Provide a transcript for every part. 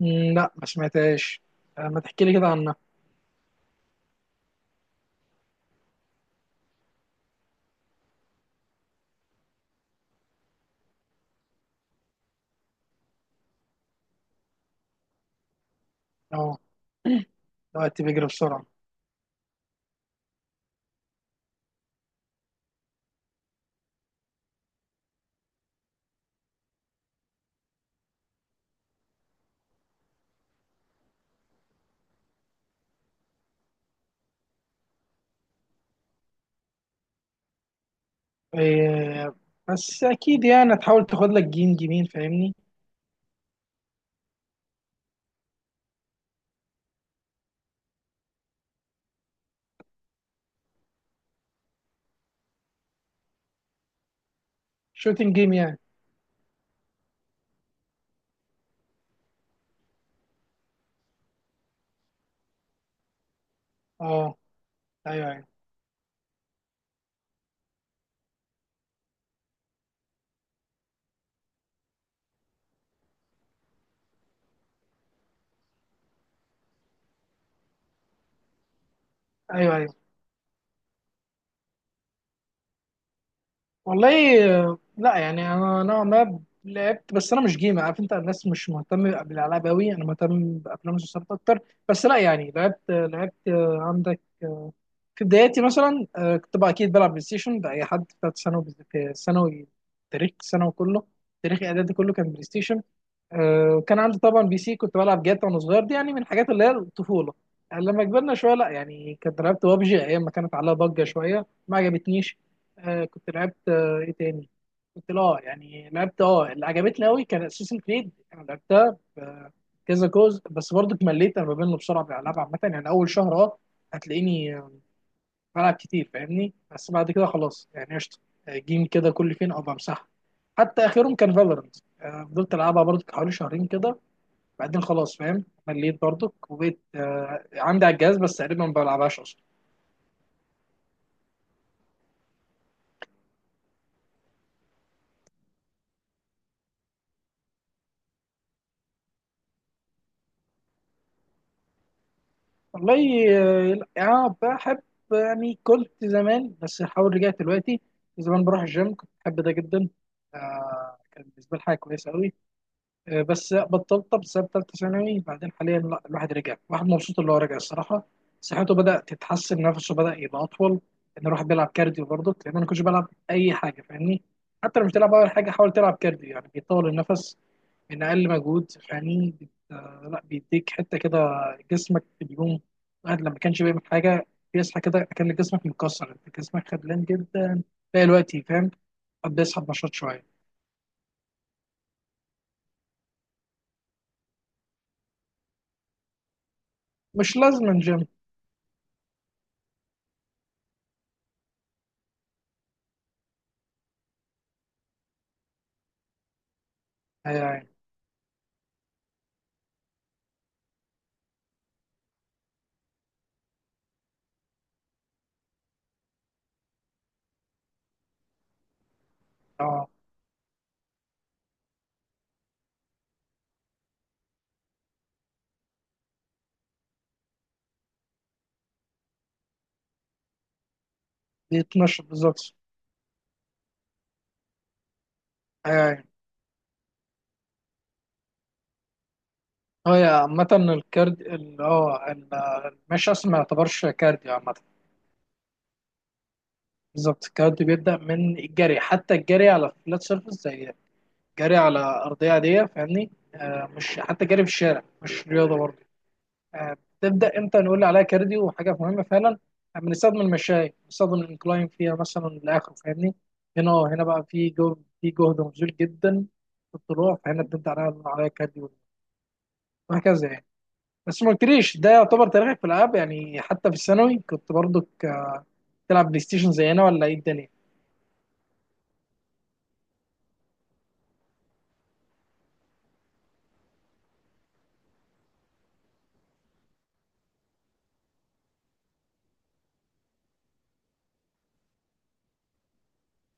لا ما سمعتهاش. ما تحكي لي كده عنها. اه، الوقت بيجري بسرعة. إيه، بس أكيد يعني هتحاول تاخد لك جيم جيمين فاهمني. شوتنج جيم يعني. اه، أيوه أيوه. أيوه أيوه. والله لا يعني انا نوعا ما لعبت، بس انا مش جيمر عارف انت، الناس مش مهتمه بالالعاب قوي، انا مهتم بافلام المسلسلات اكتر. بس لا يعني لعبت عندك في بداياتي مثلا كنت بقى اكيد بلعب بلاي ستيشن ده اي حد بتاعت ثانوي. في ثانوي، تاريخ ثانوي كله، تاريخ اعدادي كله كان بلاي ستيشن. كان عندي طبعا بي سي كنت بلعب جاتا وانا صغير، دي يعني من الحاجات اللي هي الطفوله. يعني لما كبرنا شويه لا يعني كنت لعبت بابجي ايام ما كانت عليها ضجه شويه، ما عجبتنيش. كنت لعبت ايه تاني؟ كنت لا يعني لعبت، اللي عجبتني قوي كان اساسن كريد، انا لعبتها كذا جزء، بس برضه اتمليت. انا بمل بسرعه بالالعاب عامه، يعني اول شهر اه هتلاقيني بلعب كتير فاهمني، بس بعد كده خلاص يعني قشطه. جيم كده كل فين او بمسحها. حتى اخرهم كان فالورنت، فضلت العبها برضه حوالي شهرين كده، بعدين خلاص فاهم، مليت برضك وبقيت عندي على الجهاز بس تقريبا ما بلعبهاش اصلا. والله لا، اه بحب، يعني كنت زمان، بس حاول رجعت دلوقتي. زمان بروح الجيم كنت بحب ده جدا. كان بالنسبه لي حاجه كويسه قوي. بس بطلت بسبب ثالثه ثانوي، بعدين حاليا لا الواحد رجع، الواحد مبسوط اللي هو رجع الصراحه. صحته بدات تتحسن، نفسه بدا يبقى اطول، ان الواحد بيلعب كارديو برضه، لان انا ما كنتش بلعب اي حاجه فاهمني. حتى لو مش تلعب اول حاجه، حاول تلعب كارديو يعني بيطول النفس من اقل مجهود. يعني بت... آه، لا بيديك حته كده، جسمك بيقوم. الواحد لما كانش بيعمل حاجه بيصحى كده كان جسمك مكسر، انت جسمك خدلان جدا، تلاقي الوقت فاهم قد بيسحب نشاط شويه. مش لازم جيم. يعني اه، بيتنشط بالظبط. يعني هو يا عامة الكارد ال- اه ال- المشي أصلا ما يعتبرش كارديو عامة. بالظبط، الكارديو بيبدأ من الجري، حتى الجري على فلات سيرفيس، زي جري على ارضيه عاديه فاهمني. مش حتى جري في الشارع مش رياضه برضه. بتبدا امتى نقول عليها كارديو وحاجه مهمه فعلا؟ بنستخدم المشاية، بنستخدم الانكلاين فيها مثلا لاخره فاهمني. هنا اه هنا بقى في جهد مبذول جدا في الطلوع، فهنا بنبدا عليها كارديو، وهكذا يعني. بس ما قلتليش ده، يعتبر تاريخك في الالعاب يعني حتى في الثانوي كنت برضك تلعب بلاي ستيشن زينا ولا ايه الدنيا؟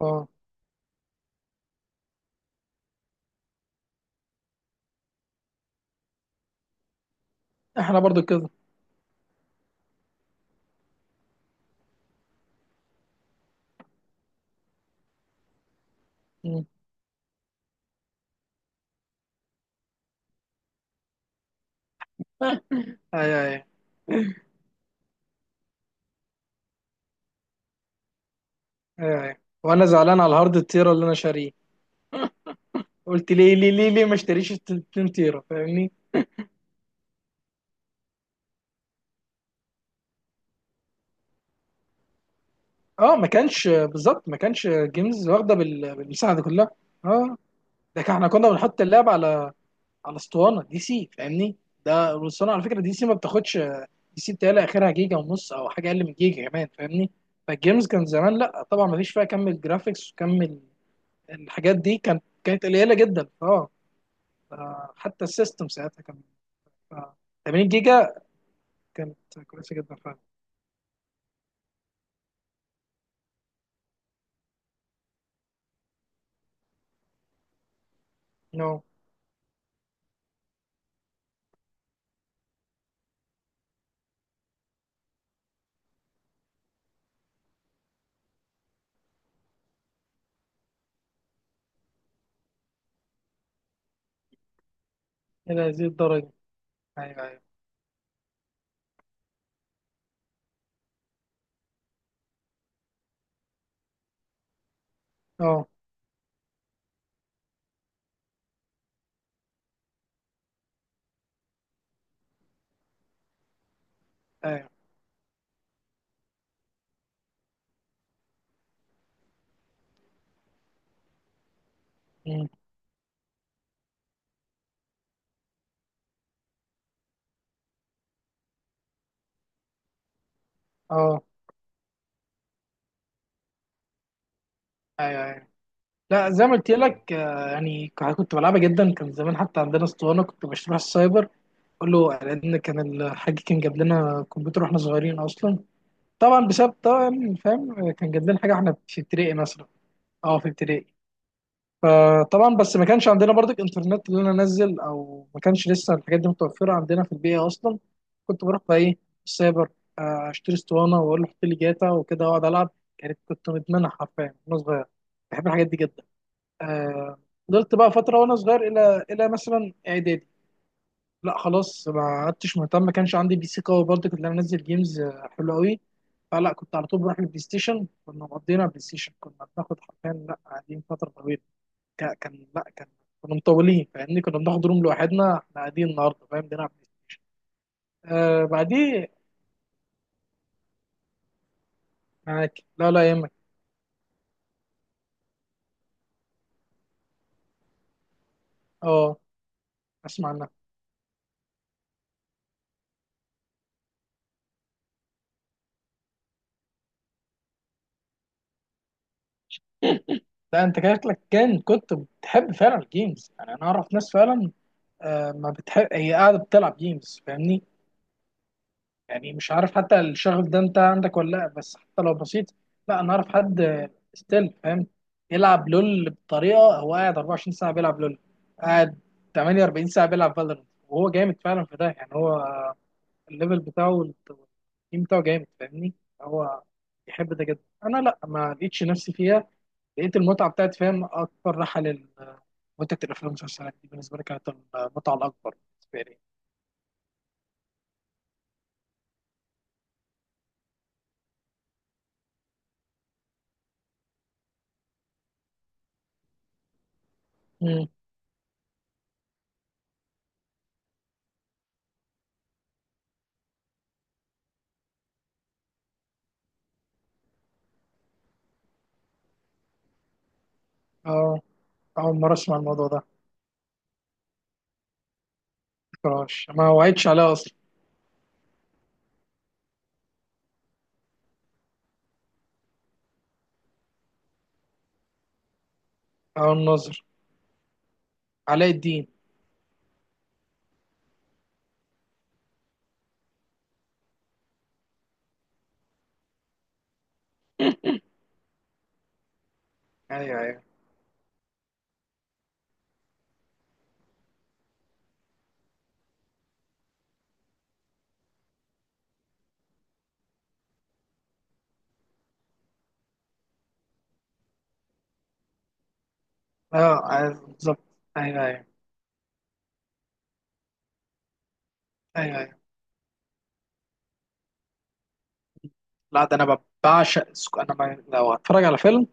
اه، احنا برضو كده. مم. اي اي. اي اي. وانا زعلان على الهارد التيرا اللي انا شاريه، قلت ليه ليه ليه ليه ما اشتريش ال 2 تيرا فاهمني. اه، ما كانش بالظبط، ما كانش جيمز واخده بال- بالمساحه دي كلها. اه، احنا كنا بنحط اللعب على على اسطوانه دي سي فاهمني. ده الاسطوانه على فكره دي سي ما بتاخدش، دي سي بتهيألي اخرها جيجا ونص او حاجه اقل من جيجا كمان فاهمني. فالجيمز كان زمان لا طبعا ما فيش فيها كم الجرافيكس وكم الحاجات دي، كانت قليله جدا اه. حتى السيستم ساعتها كان آه، 80 جيجا، كانت كويسه جدا فعلا. نو. الى هذه الدرجه؟ ايوه أيوة. اه. ايوه. مم. اه. ايوه ايوه. لا زي ما قلت لك يعني كنت بلعبها جدا، كان زمان حتى عندنا اسطوانه كنت بشتريها في السايبر. اقول له لان كان الحاج كان جاب لنا كمبيوتر واحنا صغيرين اصلا، طبعا بسبب طبعا فاهم كان جاب لنا حاجه واحنا في ابتدائي مثلا. اه في ابتدائي. فطبعا بس ما كانش عندنا برضك انترنت اللي انا انزل، او ما كانش لسه الحاجات دي متوفره عندنا في البيئه اصلا. كنت بروح بقى ايه، السايبر، اشتري اسطوانه واقول له حط لي جاتا وكده واقعد العب. كانت، كنت مدمنها حرفيا وانا صغير، بحب الحاجات دي جدا. آه، فضلت بقى فتره وانا صغير الى مثلا اعدادي. لا خلاص ما عدتش مهتم، ما كانش عندي بي سي قوي برضه كنت انا انزل جيمز حلوه قوي. فلا كنت على طول بروح البلاي ستيشن، كنا مقضينا بلاي ستيشن، كنا بناخد حرفيا لا قاعدين فتره طويله. كا- كان لا كان كنا مطولين فاهمني، كنا بناخد روم لوحدنا احنا قاعدين النهارده فاهم بنلعب بلاي ستيشن. بعديه. معاك، لا لا يهمك. اه، اسمع عنها. لا انت شكلك كان كنت بتحب فعلا الجيمز. يعني انا اعرف ناس فعلا ما بتحب، هي قاعده بتلعب جيمز فاهمني. يعني مش عارف حتى الشغف ده انت عندك ولا لا، بس حتى لو بسيط. لا انا اعرف حد ستيل فاهم، يلعب لول بطريقه هو قاعد 24 ساعه بيلعب لول، قاعد 48 ساعه بيلعب فالورنت، وهو جامد فعلا في ده يعني. هو الليفل بتاعه والتيم بتاعه جامد فاهمني، هو يحب ده جدا. انا لا ما لقيتش نفسي فيها، لقيت المتعه بتاعت فاهم، اكبر راحه لل متعه الافلام والمسلسلات دي بالنسبه لي، كانت المتعه الاكبر بالنسبه لي. امم. اه، اول مره اسمع الموضوع ده. كراش ما وعدتش عليها اصلا. او الناظر. علاء الدين. ايوه ايوه. اه، بالظبط. ايوه ايوه. ايوه ايوه. لا ده انا بعشق انا ما، لو هتفرج على فيلم ما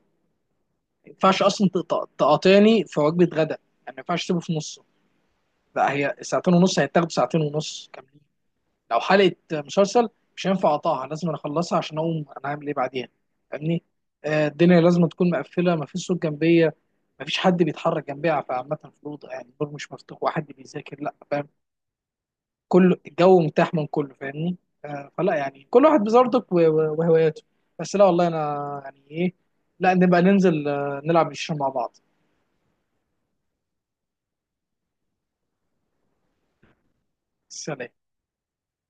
ينفعش اصلا تقاطعني في وجبه غدا. يعني ما ينفعش تسيبه في نصه، لا هي ساعتين ونص، هيتاخد ساعتين ونص كاملين. لو حلقه مسلسل مش هينفع اقطعها، لازم أنا اخلصها عشان اقوم انا هعمل ايه بعدين فاهمني. الدنيا لازم تكون مقفله، ما فيش صوت جنبيه، ما فيش حد بيتحرك جنبيها، فعامة في الأوضة يعني الباب مش مفتوح وحد بيذاكر لا، كله الجو متاح من كله فاهمني. فلا يعني كل واحد بظروفك وهواياته. بس لا والله انا يعني ايه، لا نبقى ننزل نلعب الشطرنج مع بعض. سلام.